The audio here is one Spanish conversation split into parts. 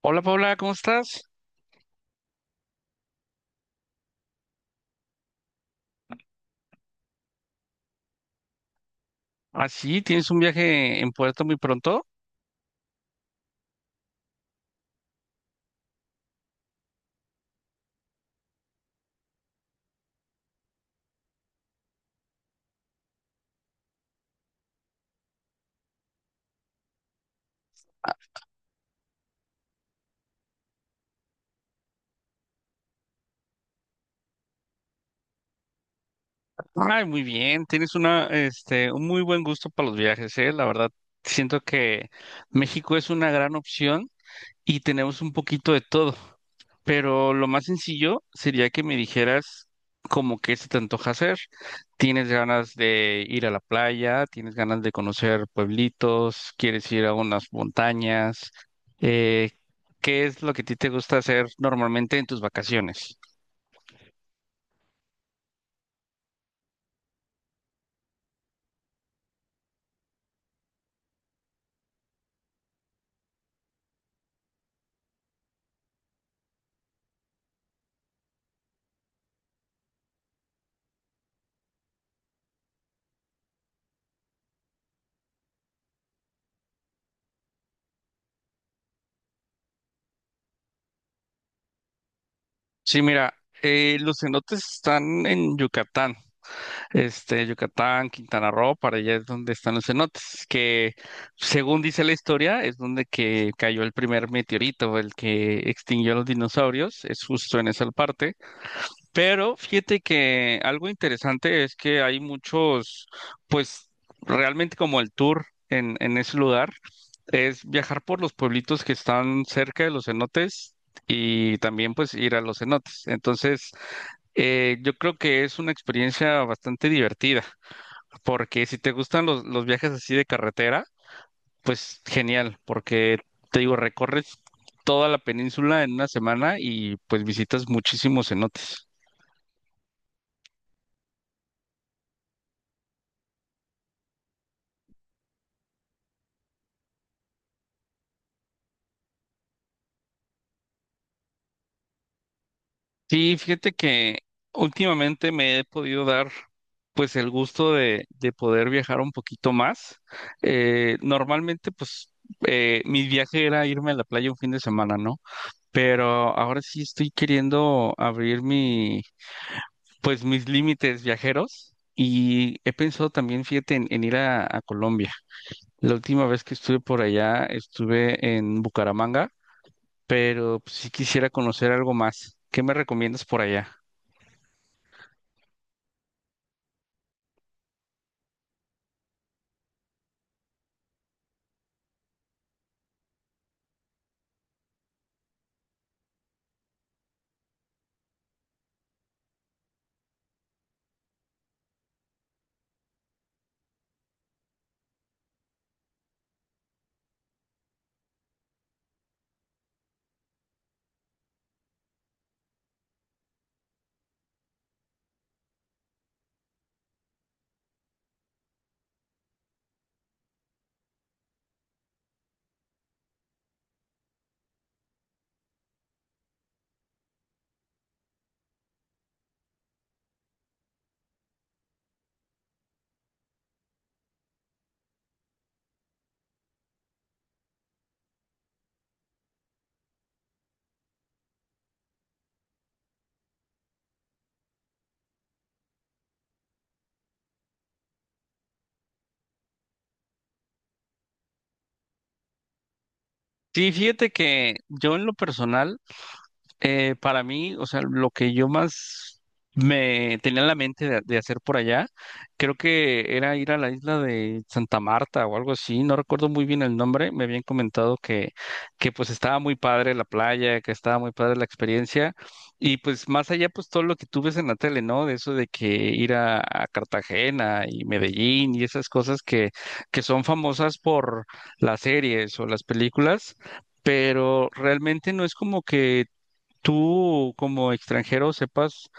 Hola Paula, ¿cómo estás? Así, tienes un viaje en puerto muy pronto. Ay, muy bien, tienes un muy buen gusto para los viajes, ¿eh? La verdad, siento que México es una gran opción y tenemos un poquito de todo. Pero lo más sencillo sería que me dijeras como qué se te antoja hacer. ¿Tienes ganas de ir a la playa? ¿Tienes ganas de conocer pueblitos? ¿Quieres ir a unas montañas? Eh, ¿Qué es lo que a ti te gusta hacer normalmente en tus vacaciones? Sí, mira, los cenotes están en Yucatán. Este, Yucatán, Quintana Roo, para allá es donde están los cenotes, que según dice la historia, es donde que cayó el primer meteorito, el que extinguió a los dinosaurios, es justo en esa parte. Pero fíjate que algo interesante es que hay muchos, pues realmente como el tour. En ese lugar es viajar por los pueblitos que están cerca de los cenotes y también pues ir a los cenotes. Entonces, yo creo que es una experiencia bastante divertida. Porque si te gustan los viajes así de carretera, pues genial, porque te digo, recorres toda la península en una semana y pues visitas muchísimos cenotes. Sí, fíjate que últimamente me he podido dar pues el gusto de poder viajar un poquito más. Normalmente pues mi viaje era irme a la playa un fin de semana, ¿no? Pero ahora sí estoy queriendo abrir mi, pues, mis límites viajeros y he pensado también, fíjate, en ir a Colombia. La última vez que estuve por allá estuve en Bucaramanga, pero pues sí quisiera conocer algo más. ¿Qué me recomiendas por allá? Sí, fíjate que yo en lo personal, para mí, o sea, lo que yo más me tenía en la mente de hacer por allá, creo que era ir a la isla de Santa Marta o algo así, no recuerdo muy bien el nombre, me habían comentado que pues estaba muy padre la playa, que estaba muy padre la experiencia, y pues más allá pues todo lo que tú ves en la tele, ¿no? De eso de que ir a Cartagena y Medellín y esas cosas que son famosas por las series o las películas, pero realmente no es como que tú como extranjero sepas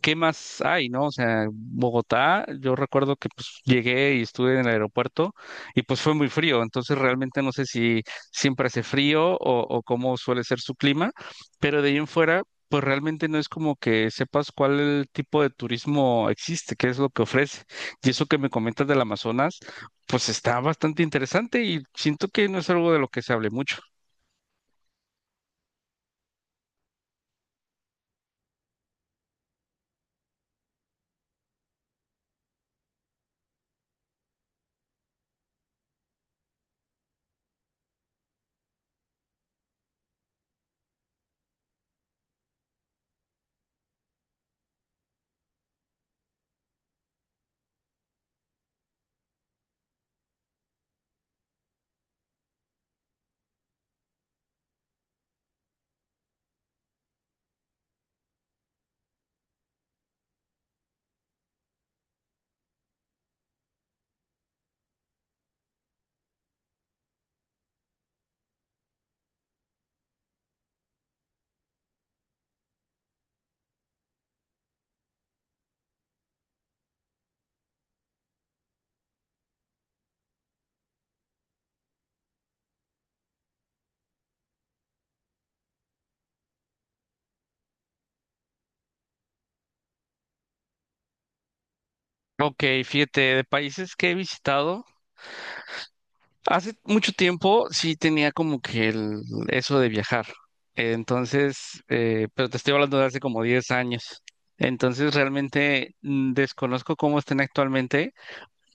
qué más hay, ¿no? O sea, Bogotá, yo recuerdo que pues llegué y estuve en el aeropuerto y pues fue muy frío, entonces realmente no sé si siempre hace frío o cómo suele ser su clima, pero de ahí en fuera, pues realmente no es como que sepas cuál tipo de turismo existe, qué es lo que ofrece. Y eso que me comentas del Amazonas, pues está bastante interesante y siento que no es algo de lo que se hable mucho. Ok, fíjate, de países que he visitado. Hace mucho tiempo sí tenía como que el, eso de viajar. Entonces, pero te estoy hablando de hace como 10 años. Entonces, realmente, desconozco cómo estén actualmente,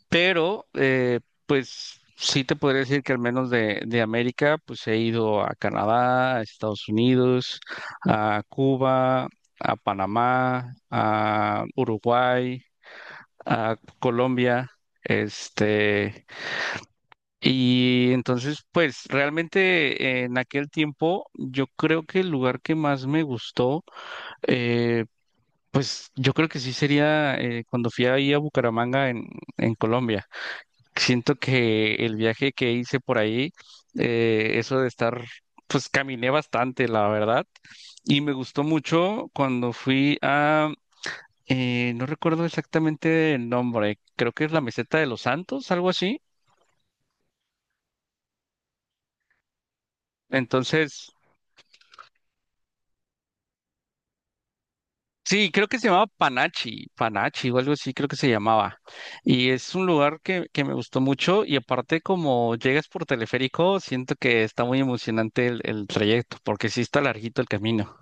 pero pues sí te podría decir que al menos de América, pues he ido a Canadá, a Estados Unidos, a Cuba, a Panamá, a Uruguay, a Colombia. Este, y entonces, pues realmente en aquel tiempo, yo creo que el lugar que más me gustó, eh, pues yo creo que sí sería, cuando fui ahí a Bucaramanga en Colombia. Siento que el viaje que hice por ahí, eso de estar, pues caminé bastante, la verdad. Y me gustó mucho cuando fui a, no recuerdo exactamente el nombre, creo que es la Meseta de los Santos, algo así. Entonces, sí, creo que se llamaba Panachi, Panachi o algo así, creo que se llamaba. Y es un lugar que me gustó mucho y aparte como llegas por teleférico, siento que está muy emocionante el trayecto porque sí está larguito el camino.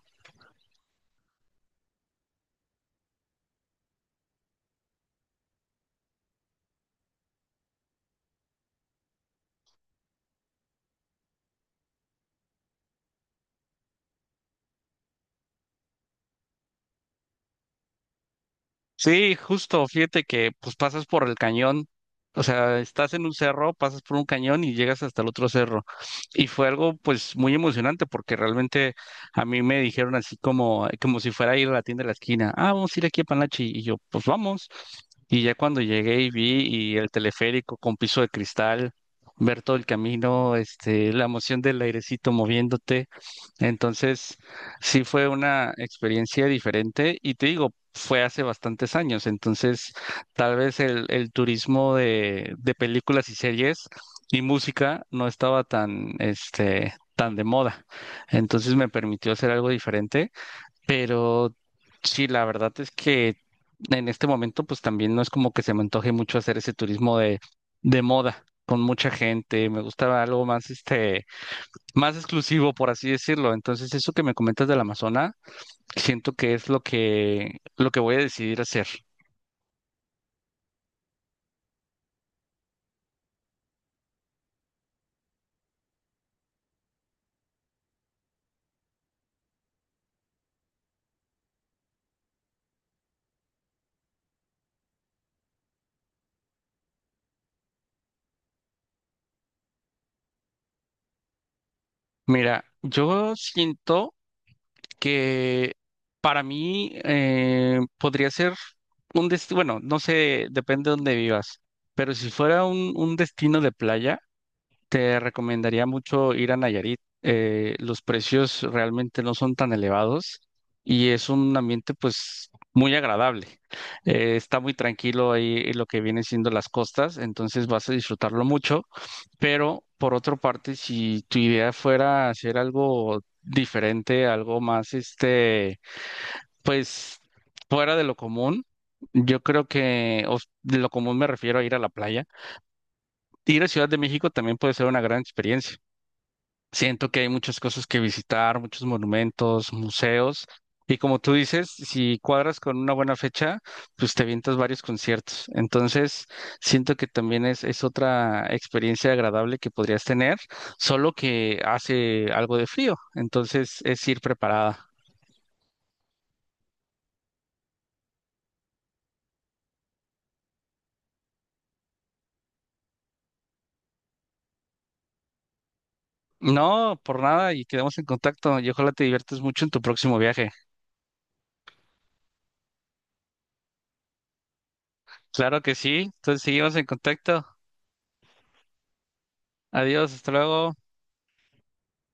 Sí, justo, fíjate que pues pasas por el cañón, o sea, estás en un cerro, pasas por un cañón y llegas hasta el otro cerro. Y fue algo pues muy emocionante porque realmente a mí me dijeron así como, como si fuera a ir a la tienda de la esquina, ah, vamos a ir aquí a Panachi y yo, pues vamos. Y ya cuando llegué y vi y el teleférico con piso de cristal, ver todo el camino, este, la emoción del airecito moviéndote. Entonces, sí, fue una experiencia diferente y te digo, fue hace bastantes años, entonces tal vez el turismo de películas y series y música no estaba tan, este, tan de moda, entonces me permitió hacer algo diferente, pero sí, la verdad es que en este momento pues también no es como que se me antoje mucho hacer ese turismo de moda, con mucha gente, me gustaba algo más, este, más exclusivo, por así decirlo. Entonces, eso que me comentas del Amazonas, siento que es lo que voy a decidir hacer. Mira, yo siento que para mí, podría ser un destino, bueno, no sé, depende de dónde vivas, pero si fuera un destino de playa, te recomendaría mucho ir a Nayarit. Los precios realmente no son tan elevados y es un ambiente pues muy agradable. Está muy tranquilo ahí lo que vienen siendo las costas, entonces vas a disfrutarlo mucho. Pero por otra parte, si tu idea fuera hacer algo diferente, algo más, este, pues fuera de lo común, yo creo que o s- de lo común me refiero a ir a la playa. Ir a Ciudad de México también puede ser una gran experiencia. Siento que hay muchas cosas que visitar, muchos monumentos, museos. Y como tú dices, si cuadras con una buena fecha, pues te vientas varios conciertos. Entonces, siento que también es otra experiencia agradable que podrías tener, solo que hace algo de frío. Entonces, es ir preparada. No, por nada, y quedamos en contacto. Y ojalá te diviertas mucho en tu próximo viaje. Claro que sí. Entonces, seguimos en contacto. Adiós, hasta luego.